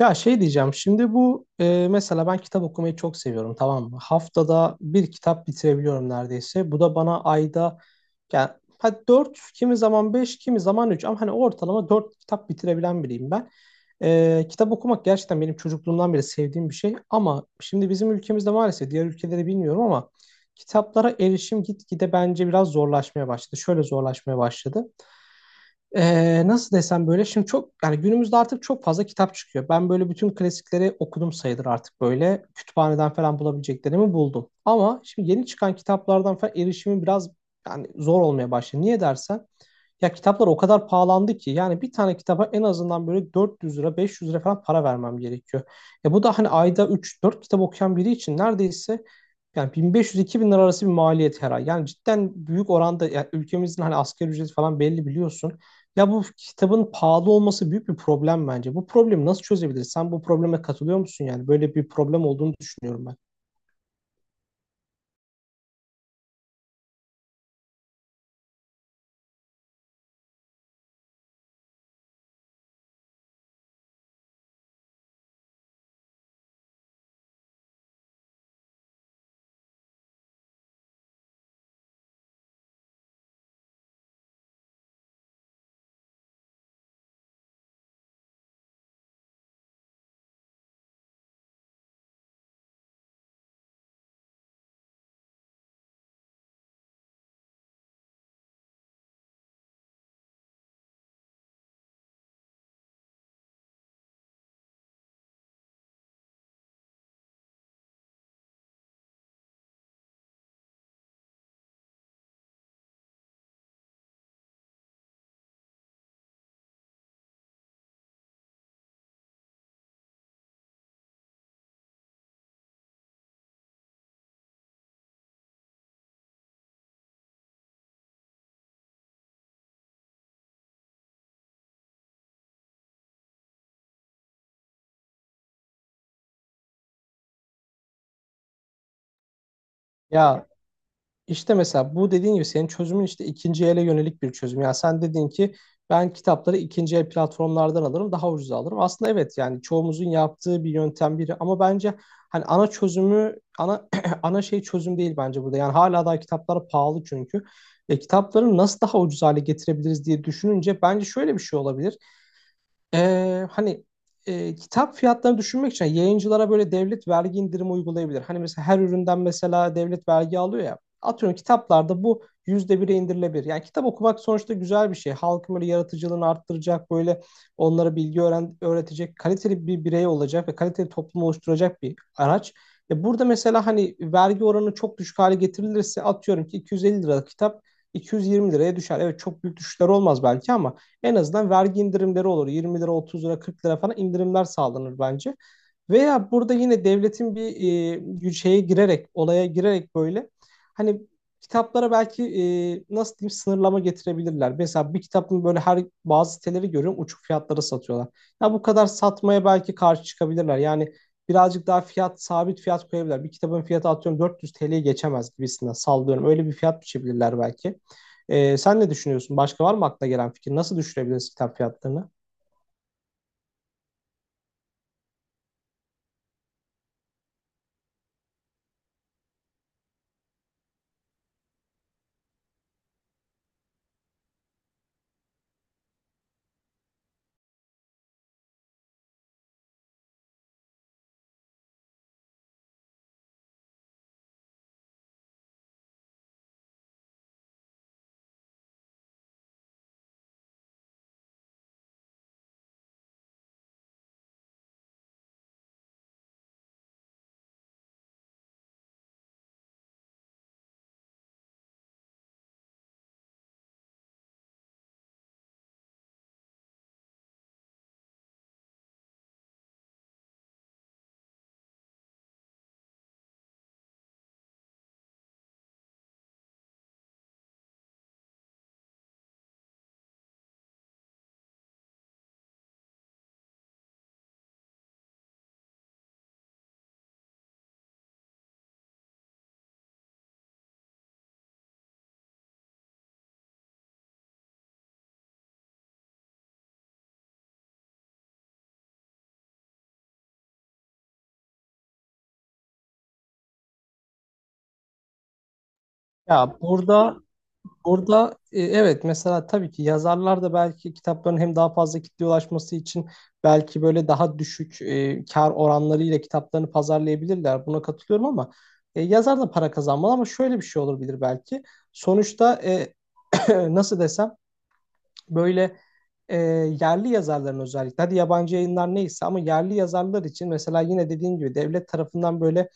Ya şey diyeceğim şimdi bu mesela ben kitap okumayı çok seviyorum, tamam mı? Haftada bir kitap bitirebiliyorum neredeyse. Bu da bana ayda yani hadi 4, kimi zaman 5, kimi zaman 3 ama hani ortalama 4 kitap bitirebilen biriyim ben. Kitap okumak gerçekten benim çocukluğumdan beri sevdiğim bir şey, ama şimdi bizim ülkemizde maalesef, diğer ülkeleri bilmiyorum ama, kitaplara erişim gitgide bence biraz zorlaşmaya başladı. Şöyle zorlaşmaya başladı. Nasıl desem, böyle şimdi çok yani günümüzde artık çok fazla kitap çıkıyor. Ben böyle bütün klasikleri okudum sayılır, artık böyle kütüphaneden falan bulabileceklerimi buldum. Ama şimdi yeni çıkan kitaplardan falan erişimi biraz yani zor olmaya başladı. Niye dersen ya, kitaplar o kadar pahalandı ki yani bir tane kitaba en azından böyle 400 lira, 500 lira falan para vermem gerekiyor. Bu da hani ayda üç dört kitap okuyan biri için neredeyse yani 1500-2000 lira arası bir maliyet her ay. Yani cidden büyük oranda, yani ülkemizin hani asgari ücreti falan belli, biliyorsun. Ya bu kitabın pahalı olması büyük bir problem bence. Bu problemi nasıl çözebiliriz? Sen bu probleme katılıyor musun yani? Böyle bir problem olduğunu düşünüyorum ben. Ya, İşte mesela bu dediğin gibi senin çözümün işte ikinci ele yönelik bir çözüm. Yani sen dedin ki, ben kitapları ikinci el platformlardan alırım, daha ucuza alırım. Aslında evet, yani çoğumuzun yaptığı bir yöntem biri, ama bence hani ana çözümü, ana ana şey, çözüm değil bence burada. Yani hala daha kitaplar pahalı çünkü. Kitapları nasıl daha ucuz hale getirebiliriz diye düşününce bence şöyle bir şey olabilir. Hani, kitap fiyatlarını düşünmek için yayıncılara böyle devlet vergi indirimi uygulayabilir. Hani mesela her üründen mesela devlet vergi alıyor ya. Atıyorum kitaplarda bu yüzde bire indirilebilir. Yani kitap okumak sonuçta güzel bir şey. Halkın böyle yaratıcılığını arttıracak, böyle onlara bilgi öğretecek, kaliteli bir birey olacak ve kaliteli toplum oluşturacak bir araç. Burada mesela hani vergi oranı çok düşük hale getirilirse, atıyorum ki 250 liralık kitap 220 liraya düşer. Evet, çok büyük düşüşler olmaz belki, ama en azından vergi indirimleri olur. 20 lira, 30 lira, 40 lira falan indirimler sağlanır bence. Veya burada yine devletin bir şeye girerek, olaya girerek, böyle hani kitaplara belki nasıl diyeyim, sınırlama getirebilirler. Mesela bir kitabın böyle, her, bazı siteleri görüyorum uçuk fiyatlara satıyorlar. Ya bu kadar satmaya belki karşı çıkabilirler. Yani birazcık daha fiyat, sabit fiyat koyabilirler. Bir kitabın fiyatı atıyorum 400 TL'ye geçemez gibisinden, sallıyorum. Öyle bir fiyat biçebilirler belki. Sen ne düşünüyorsun? Başka var mı aklına gelen fikir? Nasıl düşürebiliriz kitap fiyatlarını? Ya burada, orada evet, mesela tabii ki yazarlar da belki kitapların hem daha fazla kitleye ulaşması için belki böyle daha düşük kar oranlarıyla kitaplarını pazarlayabilirler. Buna katılıyorum, ama yazar da para kazanmalı, ama şöyle bir şey olabilir belki. Sonuçta nasıl desem, böyle e, yerli yazarların özellikle, hadi yabancı yayınlar neyse ama yerli yazarlar için mesela, yine dediğin gibi devlet tarafından böyle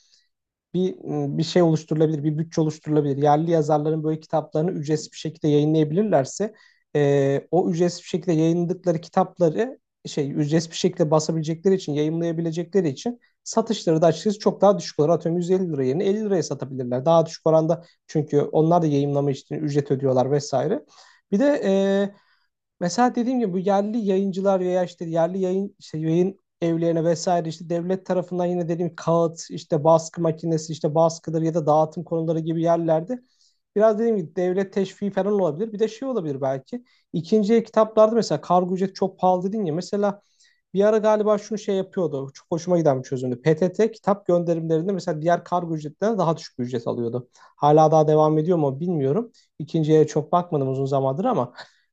bir bir şey oluşturulabilir, bir bütçe oluşturulabilir. Yerli yazarların böyle kitaplarını ücretsiz bir şekilde yayınlayabilirlerse, o ücretsiz bir şekilde yayınladıkları kitapları şey, ücretsiz bir şekilde basabilecekleri için, yayımlayabilecekleri için satışları da açıkçası çok daha düşük olur. Atıyorum 150 lira yerine 50 liraya satabilirler. Daha düşük oranda, çünkü onlar da yayınlama için ücret ödüyorlar vesaire. Bir de mesela dediğim gibi bu yerli yayıncılar veya işte yerli yayın, işte yayın evlerine vesaire, işte devlet tarafından yine dediğim gibi kağıt, işte baskı makinesi, işte baskıdır ya da dağıtım konuları gibi yerlerde biraz dediğim gibi devlet teşviki falan olabilir. Bir de şey olabilir belki. İkinci el kitaplarda mesela kargo ücreti çok pahalı dedin ya, mesela bir ara galiba şunu şey yapıyordu, çok hoşuma giden bir çözümdü. PTT kitap gönderimlerinde mesela diğer kargo ücretlerinden daha düşük bir ücret alıyordu. Hala daha devam ediyor mu bilmiyorum. İkinciye çok bakmadım uzun zamandır, ama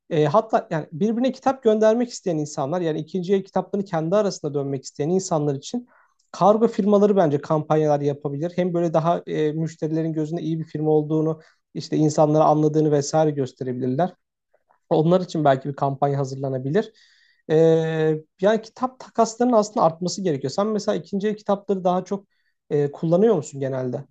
hatta yani birbirine kitap göndermek isteyen insanlar, yani ikinciye kitaplarını kendi arasında dönmek isteyen insanlar için kargo firmaları bence kampanyalar yapabilir. Hem böyle daha müşterilerin gözünde iyi bir firma olduğunu, işte insanlara anladığını vesaire gösterebilirler. Onlar için belki bir kampanya hazırlanabilir. Ee, Yani kitap takaslarının aslında artması gerekiyor. Sen mesela ikinci el kitapları daha çok kullanıyor musun genelde?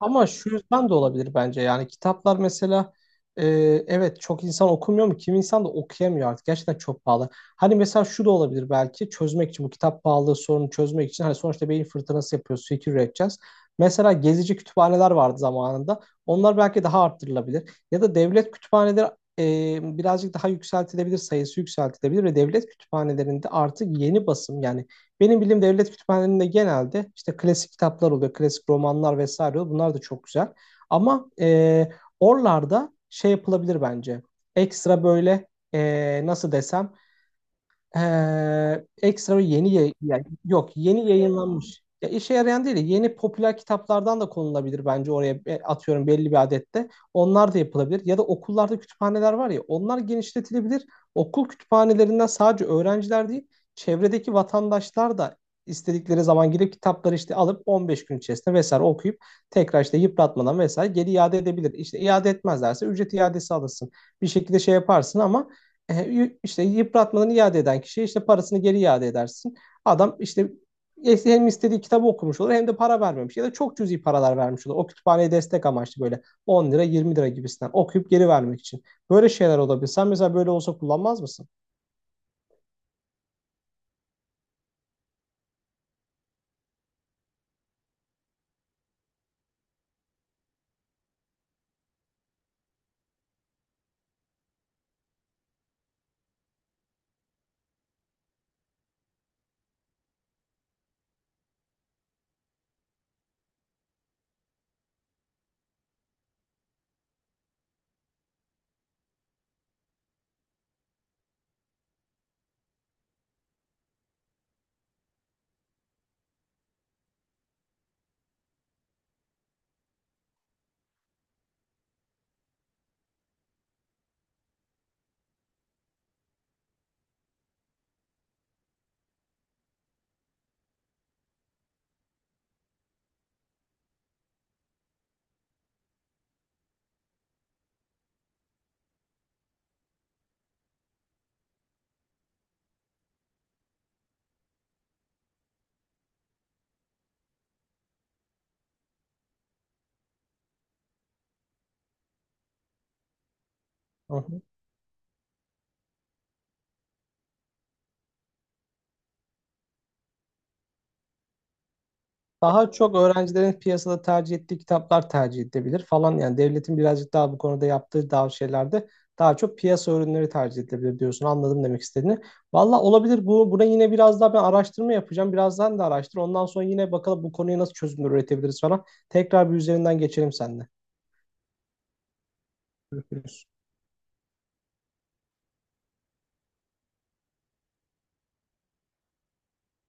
Ama şu yüzden de olabilir bence. Yani kitaplar mesela, e, evet, çok insan okumuyor mu? Kim, insan da okuyamıyor artık. Gerçekten çok pahalı. Hani mesela şu da olabilir belki, çözmek için, bu kitap pahalılığı sorunu çözmek için, hani sonuçta beyin fırtınası yapıyoruz. Fikir üreteceğiz. Mesela gezici kütüphaneler vardı zamanında. Onlar belki daha arttırılabilir. Ya da devlet kütüphaneleri birazcık daha yükseltilebilir. Sayısı yükseltilebilir ve devlet kütüphanelerinde artık yeni basım, yani benim bildiğim devlet kütüphanelerinde genelde işte klasik kitaplar oluyor, klasik romanlar vesaire oluyor. Bunlar da çok güzel. Ama oralarda şey yapılabilir bence. Ekstra, böyle e, nasıl desem ekstra yeni yani yok, yeni yayınlanmış. Ya işe yarayan değil, de yeni popüler kitaplardan da konulabilir bence oraya. Atıyorum belli bir adette. Onlar da yapılabilir. Ya da okullarda kütüphaneler var ya, onlar genişletilebilir. Okul kütüphanelerinden sadece öğrenciler değil, çevredeki vatandaşlar da istedikleri zaman gidip kitapları işte alıp 15 gün içerisinde vesaire okuyup, tekrar işte yıpratmadan vesaire geri iade edebilir. İşte iade etmezlerse ücret iadesi alırsın. Bir şekilde şey yaparsın, ama işte yıpratmadan iade eden kişiye işte parasını geri iade edersin. Adam işte hem istediği kitabı okumuş olur, hem de para vermemiş ya da çok cüzi paralar vermiş olur. O kütüphaneye destek amaçlı böyle on lira, yirmi lira gibisinden, okuyup geri vermek için. Böyle şeyler olabilir. Sen mesela böyle olsa kullanmaz mısın? Hı hı. Daha çok öğrencilerin piyasada tercih ettiği kitaplar tercih edilebilir falan. Yani devletin birazcık daha bu konuda yaptığı daha şeylerde daha çok piyasa ürünleri tercih edilebilir diyorsun. Anladım demek istediğini. Valla olabilir. Bu, buna yine biraz daha ben araştırma yapacağım. Birazdan da araştır. Ondan sonra yine bakalım, bu konuya nasıl çözümler üretebiliriz falan. Tekrar bir üzerinden geçelim seninle. Görüşürüz.